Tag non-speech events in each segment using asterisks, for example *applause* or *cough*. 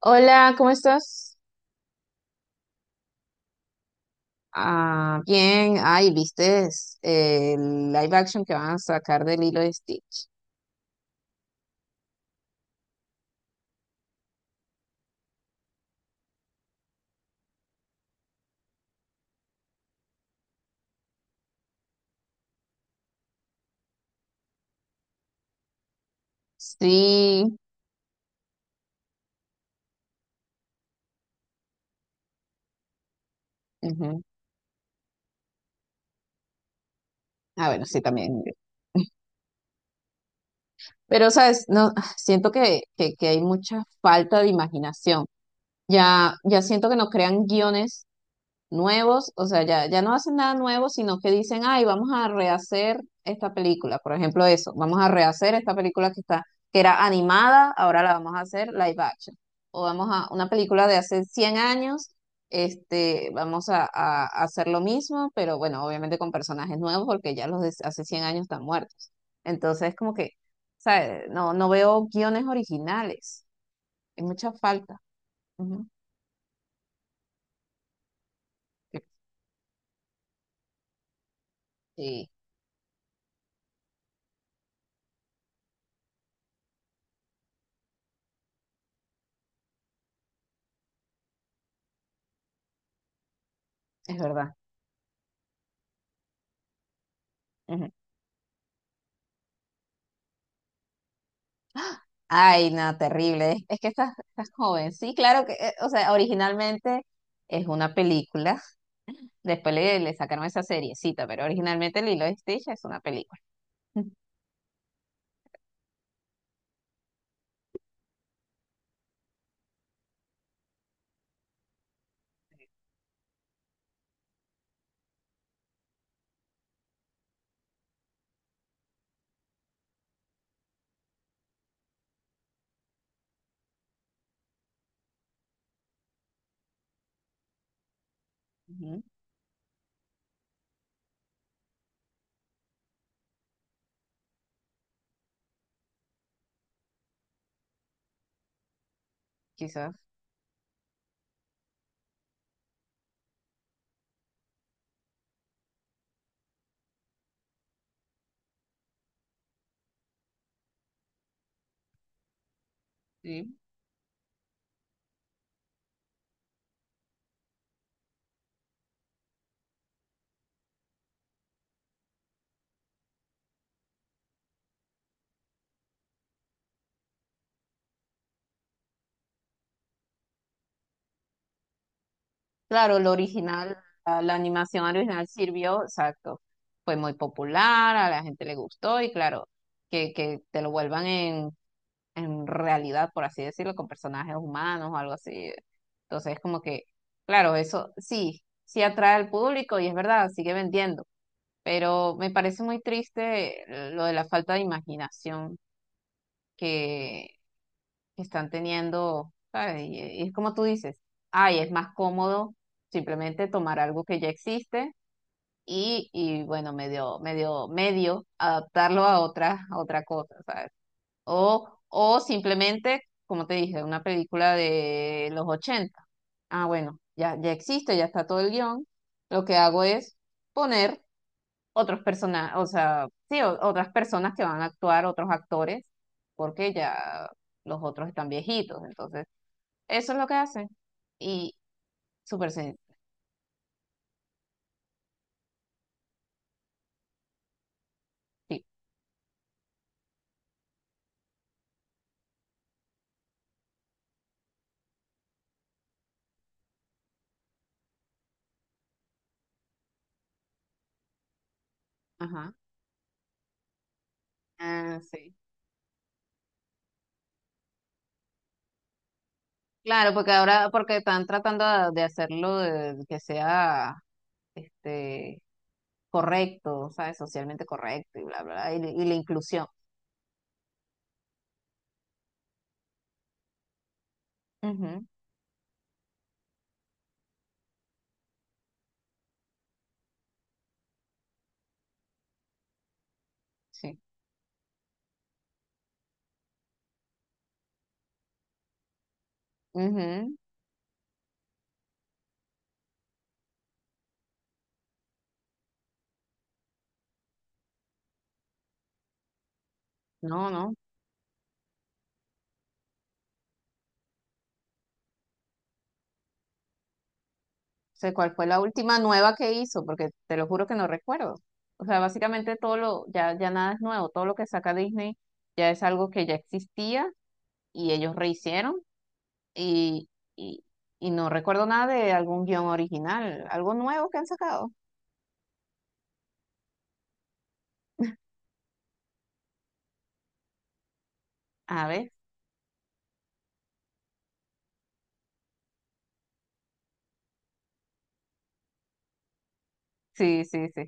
Hola, ¿cómo estás? Ah, bien. Ay, ¿viste el live action que van a sacar de Lilo y Stitch? Sí. Ujú. Ah, bueno, sí, también. *laughs* Pero, ¿sabes? No, siento que hay mucha falta de imaginación. Ya siento que no crean guiones nuevos, o sea, ya no hacen nada nuevo, sino que dicen, ay, vamos a rehacer esta película, por ejemplo, eso, vamos a rehacer esta película que está, que era animada, ahora la vamos a hacer live action, o vamos a una película de hace 100 años, vamos a hacer lo mismo, pero bueno, obviamente con personajes nuevos, porque ya los de hace 100 años están muertos. Entonces, como que, ¿sabes? No veo guiones originales, hay mucha falta. Ujú. Sí, es verdad. Ujú. Ay, no, terrible. Es que estás joven. Sí, claro que, o sea, originalmente es una película. Después le sacaron esa seriecita, pero originalmente Lilo y Stitch es una película. *laughs* Ujú. Quizás, sí. Claro, lo original, la animación original sirvió, exacto. Fue muy popular, a la gente le gustó y claro, que te lo vuelvan en realidad, por así decirlo, con personajes humanos o algo así. Entonces, como que, claro, eso sí, sí atrae al público y es verdad, sigue vendiendo, pero me parece muy triste lo de la falta de imaginación que, que están teniendo, ¿sabes? Y es como tú dices, ay, es más cómodo simplemente tomar algo que ya existe y bueno, medio adaptarlo a otra cosa, ¿sabes? O simplemente, como te dije, una película de los 80. Ah, bueno, ya existe, ya está todo el guión. Lo que hago es poner otros personajes, o sea, sí, otras personas que van a actuar, otros actores, porque ya los otros están viejitos. Entonces, eso es lo que hacen. Y súper sencillo. Ajá. Ah, sí. Claro, porque ahora, porque están tratando de hacerlo de, que sea este correcto, ¿sabes? Socialmente correcto y bla, bla, bla, y la inclusión. Ujú, sí. Ujú. No, no. Sé cuál fue la última nueva que hizo, porque te lo juro que no recuerdo. O sea, básicamente todo lo, ya nada es nuevo, todo lo que saca Disney ya es algo que ya existía y ellos rehicieron y, y, y no recuerdo nada de algún guión original, algo nuevo que han sacado. A ver, sí.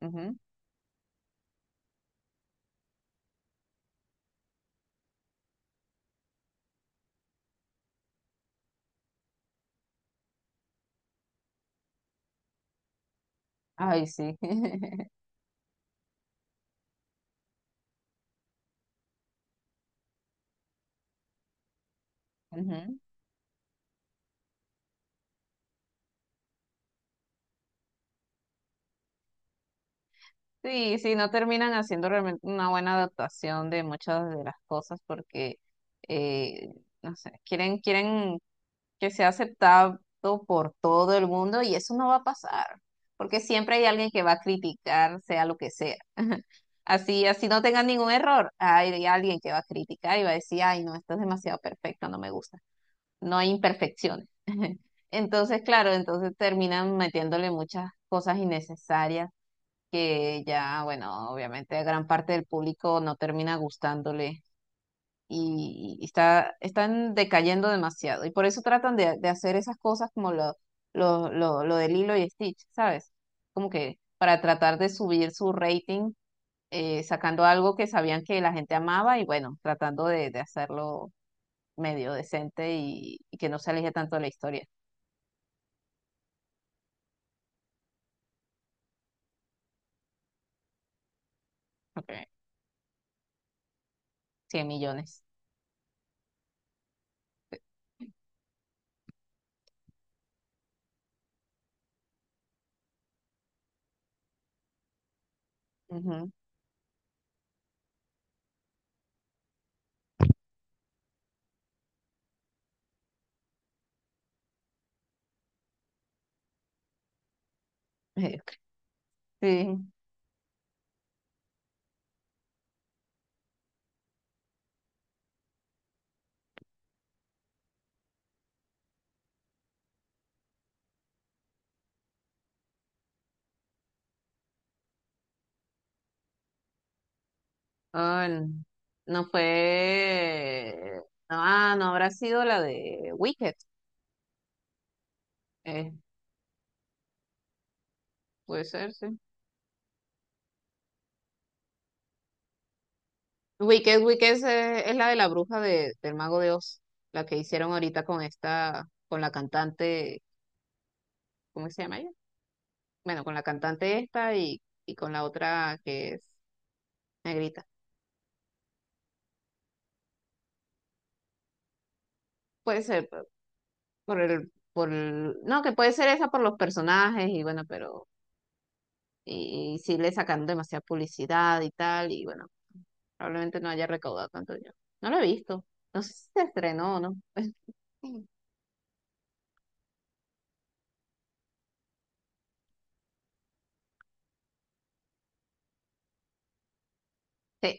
Ujú. Ay, sí. *laughs* Ujú. Sí, sí, no terminan haciendo realmente una buena adaptación de muchas de las cosas porque, eh, no sé, quieren que sea aceptado por todo el mundo y eso no va a pasar, porque siempre hay alguien que va a criticar, sea lo que sea. *laughs* Así, así no tengan ningún error, hay alguien que va a criticar y va a decir, ay, no, esto es demasiado perfecto, no me gusta, no hay imperfecciones. *laughs* Entonces, claro, entonces terminan metiéndole muchas cosas innecesarias que ya, bueno, obviamente a gran parte del público no termina gustándole y están decayendo demasiado. Y por eso tratan de hacer esas cosas como lo de Lilo y Stitch, ¿sabes? Como que para tratar de subir su rating, sacando algo que sabían que la gente amaba y bueno, tratando de hacerlo medio decente y que no se aleje tanto de la historia. Ok. 100 millones. Ujú. *laughs* Sí. Ah, no fue. Ah, no habrá sido la de Wicked. Eh, puede ser, sí. Wicked, Wicked es la de la bruja de, del Mago de Oz, la que hicieron ahorita con esta, con la cantante, ¿cómo se llama ella? Bueno, con la cantante esta y con la otra que es negrita. Puede ser por el, no, que puede ser esa por los personajes y bueno, pero, y sí le sacaron demasiada publicidad y tal, y bueno. Probablemente no haya recaudado tanto dinero. No lo he visto. No sé si se estrenó o no. Sí. Sí.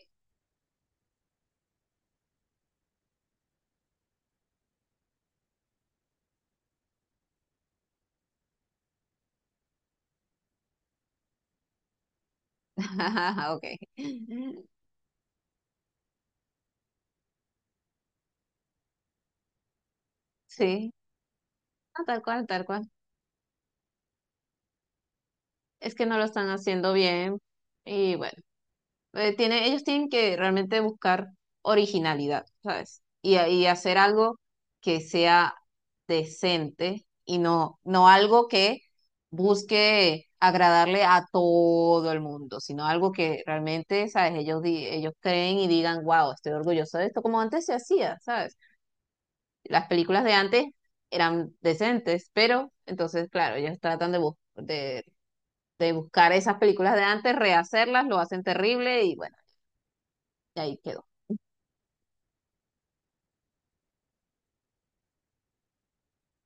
*laughs* Ok. Sí. No, tal cual, tal cual. Es que no lo están haciendo bien. Y bueno. Eh, tiene, ellos tienen que realmente buscar originalidad, ¿sabes? Y hacer algo que sea decente y no, no algo que busque agradarle a todo el mundo, sino algo que realmente, ¿sabes? Ellos, ellos creen y digan, wow, estoy orgulloso de esto, como antes se hacía, ¿sabes? Las películas de antes eran decentes, pero entonces, claro, ellos tratan de, de buscar esas películas de antes, rehacerlas, lo hacen terrible y bueno, y ahí quedó.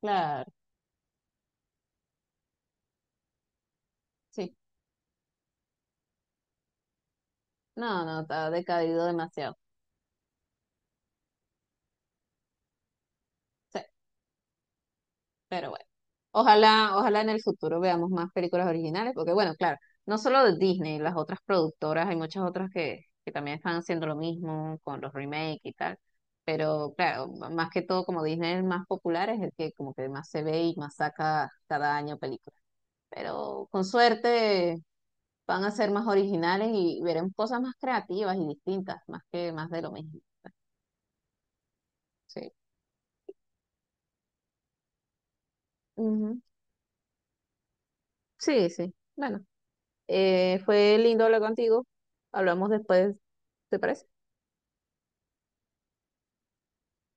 Claro, sí. No, no, está decaído demasiado. Sí, pero bueno. Ojalá, ojalá en el futuro veamos más películas originales, porque bueno, claro, no solo de Disney, las otras productoras, hay muchas otras que también están haciendo lo mismo con los remakes y tal. Pero claro, más que todo, como Disney es el más popular, es el que como que más se ve y más saca cada año películas. Pero con suerte van a ser más originales y veremos cosas más creativas y distintas, más que más de lo mismo. Sí. Sí, sí. Bueno, fue lindo hablar contigo. Hablamos después, ¿te parece?